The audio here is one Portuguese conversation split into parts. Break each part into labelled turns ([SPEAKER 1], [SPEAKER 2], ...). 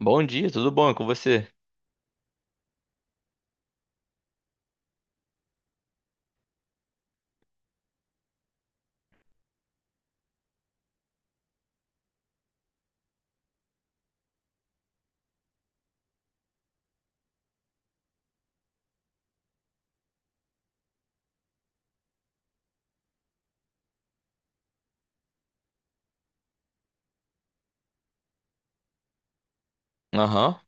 [SPEAKER 1] Bom dia, tudo bom? É com você? Aham,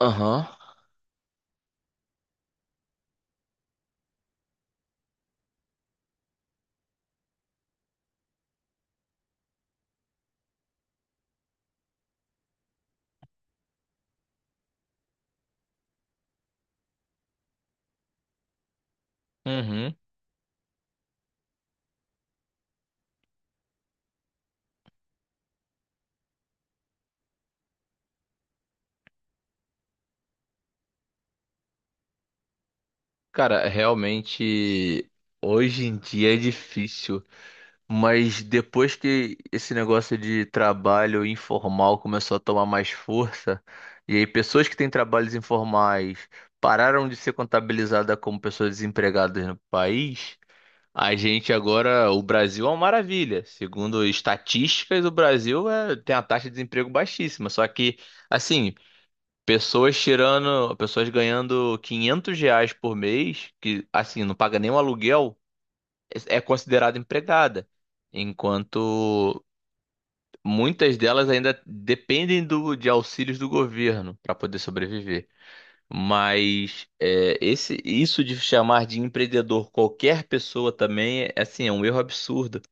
[SPEAKER 1] aham, uhum. Cara, realmente hoje em dia é difícil, mas depois que esse negócio de trabalho informal começou a tomar mais força, e aí pessoas que têm trabalhos informais pararam de ser contabilizadas como pessoas desempregadas no país, a gente agora, o Brasil é uma maravilha. Segundo estatísticas, o Brasil tem a taxa de desemprego baixíssima, só que assim, pessoas tirando, pessoas ganhando R$ 500 por mês, que assim, não paga nem o aluguel, é considerada empregada. Enquanto muitas delas ainda dependem de auxílios do governo para poder sobreviver. Mas isso de chamar de empreendedor qualquer pessoa também é assim, é um erro absurdo.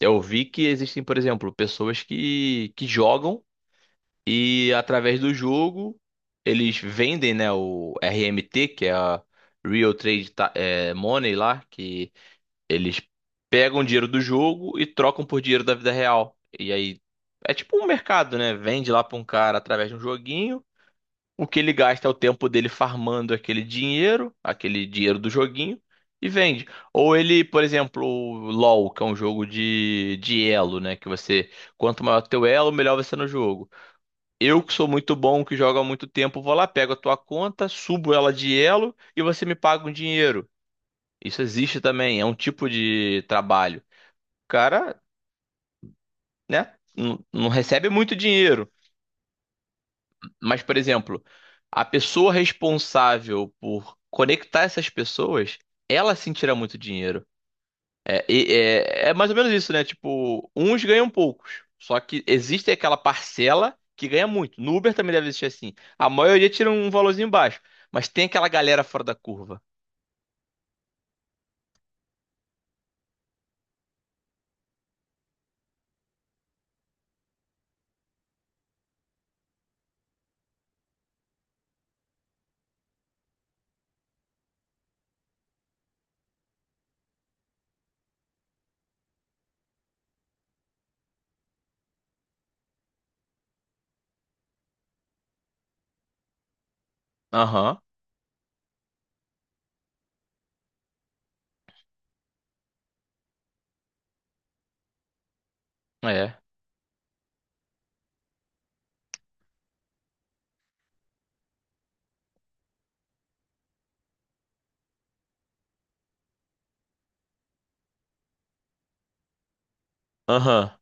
[SPEAKER 1] Eu vi que existem, por exemplo, pessoas que jogam e através do jogo, eles vendem, né, o RMT, que é a Real Money lá, que eles pegam dinheiro do jogo e trocam por dinheiro da vida real. E aí é tipo um mercado, né? Vende lá pra um cara através de um joguinho. O que ele gasta é o tempo dele farmando aquele dinheiro do joguinho, e vende. Ou ele, por exemplo, o LoL, que é um jogo de elo, né? Quanto maior o teu elo, melhor você é no jogo. Eu que sou muito bom, que jogo há muito tempo, vou lá, pego a tua conta, subo ela de elo e você me paga um dinheiro. Isso existe também, é um tipo de trabalho. O cara, né, não recebe muito dinheiro, mas, por exemplo, a pessoa responsável por conectar essas pessoas, ela sim tira muito dinheiro. É mais ou menos isso, né? Tipo, uns ganham poucos. Só que existe aquela parcela que ganha muito. No Uber também deve existir assim. A maioria tira um valorzinho baixo. Mas tem aquela galera fora da curva. Aham, é. Aham.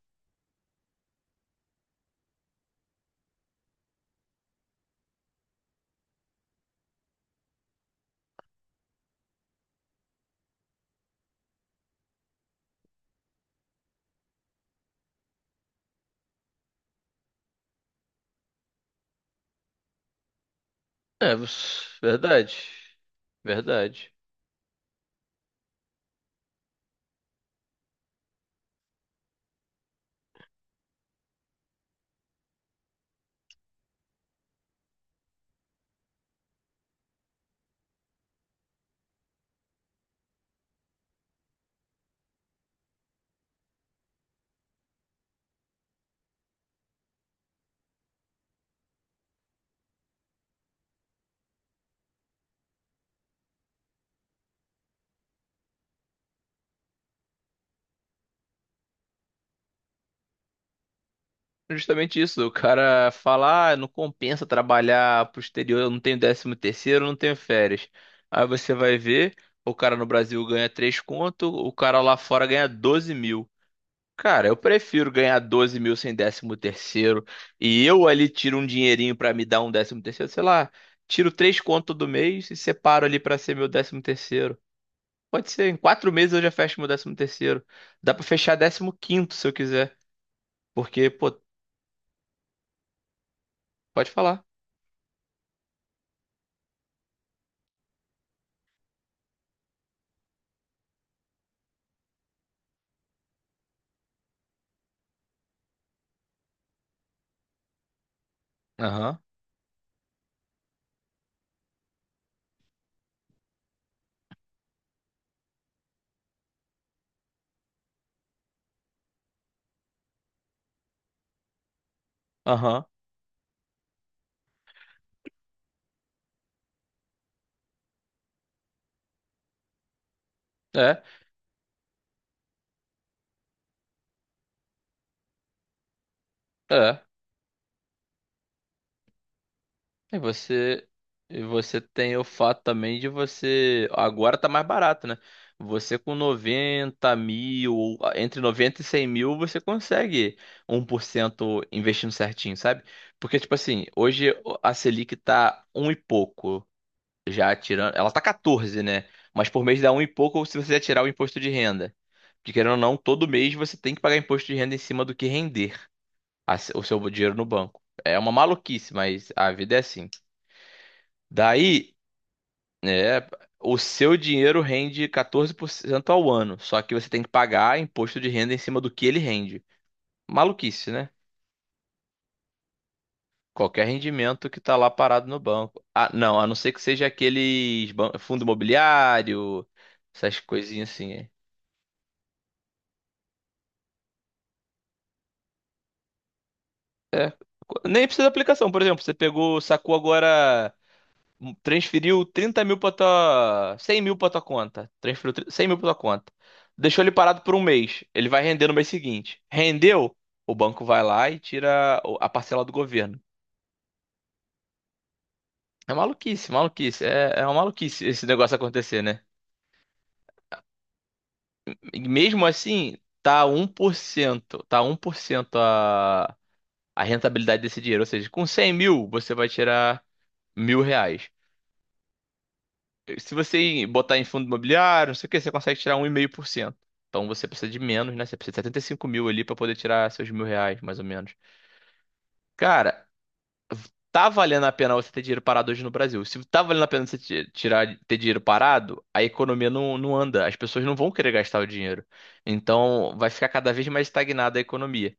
[SPEAKER 1] É, verdade. Verdade. Justamente isso. O cara fala, ah, não compensa trabalhar pro exterior, eu não tenho décimo terceiro, eu não tenho férias. Aí você vai ver, o cara no Brasil ganha 3 conto, o cara lá fora ganha 12.000. Cara, eu prefiro ganhar 12.000 sem décimo terceiro e eu ali tiro um dinheirinho pra me dar um décimo terceiro, sei lá, tiro três conto do mês e separo ali pra ser meu décimo terceiro. Pode ser, em quatro meses eu já fecho meu décimo terceiro. Dá pra fechar décimo quinto se eu quiser, porque, pô, pode falar. Aham, aham, é, é. E e você tem o fato também de você. Agora tá mais barato, né? Você com 90.000, ou ah, entre 90 e 100.000, você consegue 1% investindo certinho, sabe? Porque, tipo assim, hoje a Selic tá um e pouco, já tirando. Ela tá 14, né? Mas por mês dá um e pouco se você já tirar o imposto de renda. Porque, querendo ou não, todo mês você tem que pagar imposto de renda em cima do que render o seu dinheiro no banco. É uma maluquice, mas a vida é assim. Daí, é, o seu dinheiro rende 14% ao ano, só que você tem que pagar imposto de renda em cima do que ele rende. Maluquice, né? Qualquer rendimento que tá lá parado no banco. Ah, não, a não ser que seja fundo imobiliário, essas coisinhas assim. É. É, nem precisa de aplicação, por exemplo, você pegou, sacou agora, Transferiu 30 mil pra tua. 100 mil pra tua conta. 100 mil pra tua conta. Deixou ele parado por um mês. Ele vai render no mês seguinte. Rendeu? O banco vai lá e tira a parcela do governo. É maluquice, maluquice. É, é uma maluquice esse negócio acontecer, né? E mesmo assim, tá 1%. A rentabilidade desse dinheiro. Ou seja, com 100.000, você vai tirar R$ 1.000. Se você botar em fundo imobiliário, não sei o que, você consegue tirar 1,5%. Então você precisa de menos, né? Você precisa de 75.000 ali pra poder tirar seus R$ 1.000, mais ou menos. Cara, tá valendo a pena você ter dinheiro parado hoje no Brasil. Se tá valendo a pena tirar, ter dinheiro parado, a economia não anda. As pessoas não vão querer gastar o dinheiro. Então vai ficar cada vez mais estagnada a economia.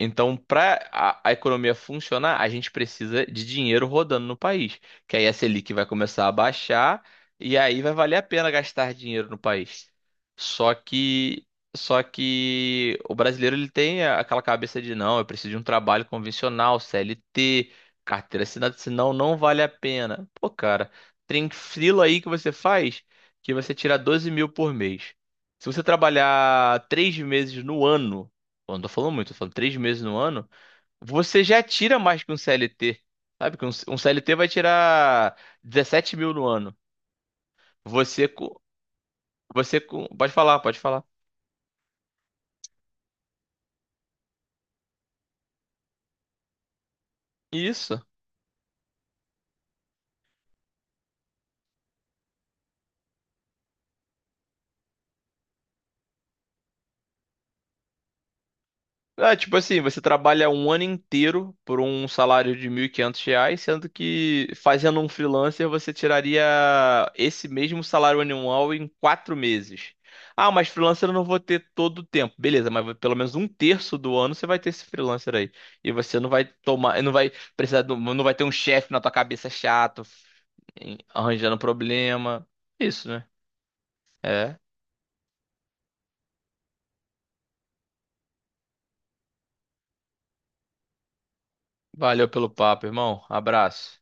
[SPEAKER 1] Então, para a economia funcionar, a gente precisa de dinheiro rodando no país, que aí a Selic vai começar a baixar e aí vai valer a pena gastar dinheiro no país. Só que só que o brasileiro ele tem aquela cabeça de não, eu preciso de um trabalho convencional, CLT, carteira assinada, senão não vale a pena. Pô, cara, tem frila aí que você faz que você tira 12 mil por mês. Se você trabalhar três meses no ano, eu não tô falando muito, tô falando três meses no ano, você já tira mais que um CLT. Sabe que um CLT vai tirar 17 mil no ano. Você, com, pode falar, pode falar. Isso. É, tipo assim, você trabalha um ano inteiro por um salário de R$ 1.500, sendo que fazendo um freelancer você tiraria esse mesmo salário anual em quatro meses. Ah, mas freelancer eu não vou ter todo o tempo. Beleza, mas pelo menos um terço do ano você vai ter esse freelancer aí. E você não vai tomar, não vai ter um chefe na tua cabeça chato, arranjando problema. Isso, né? É. Valeu pelo papo, irmão. Abraço.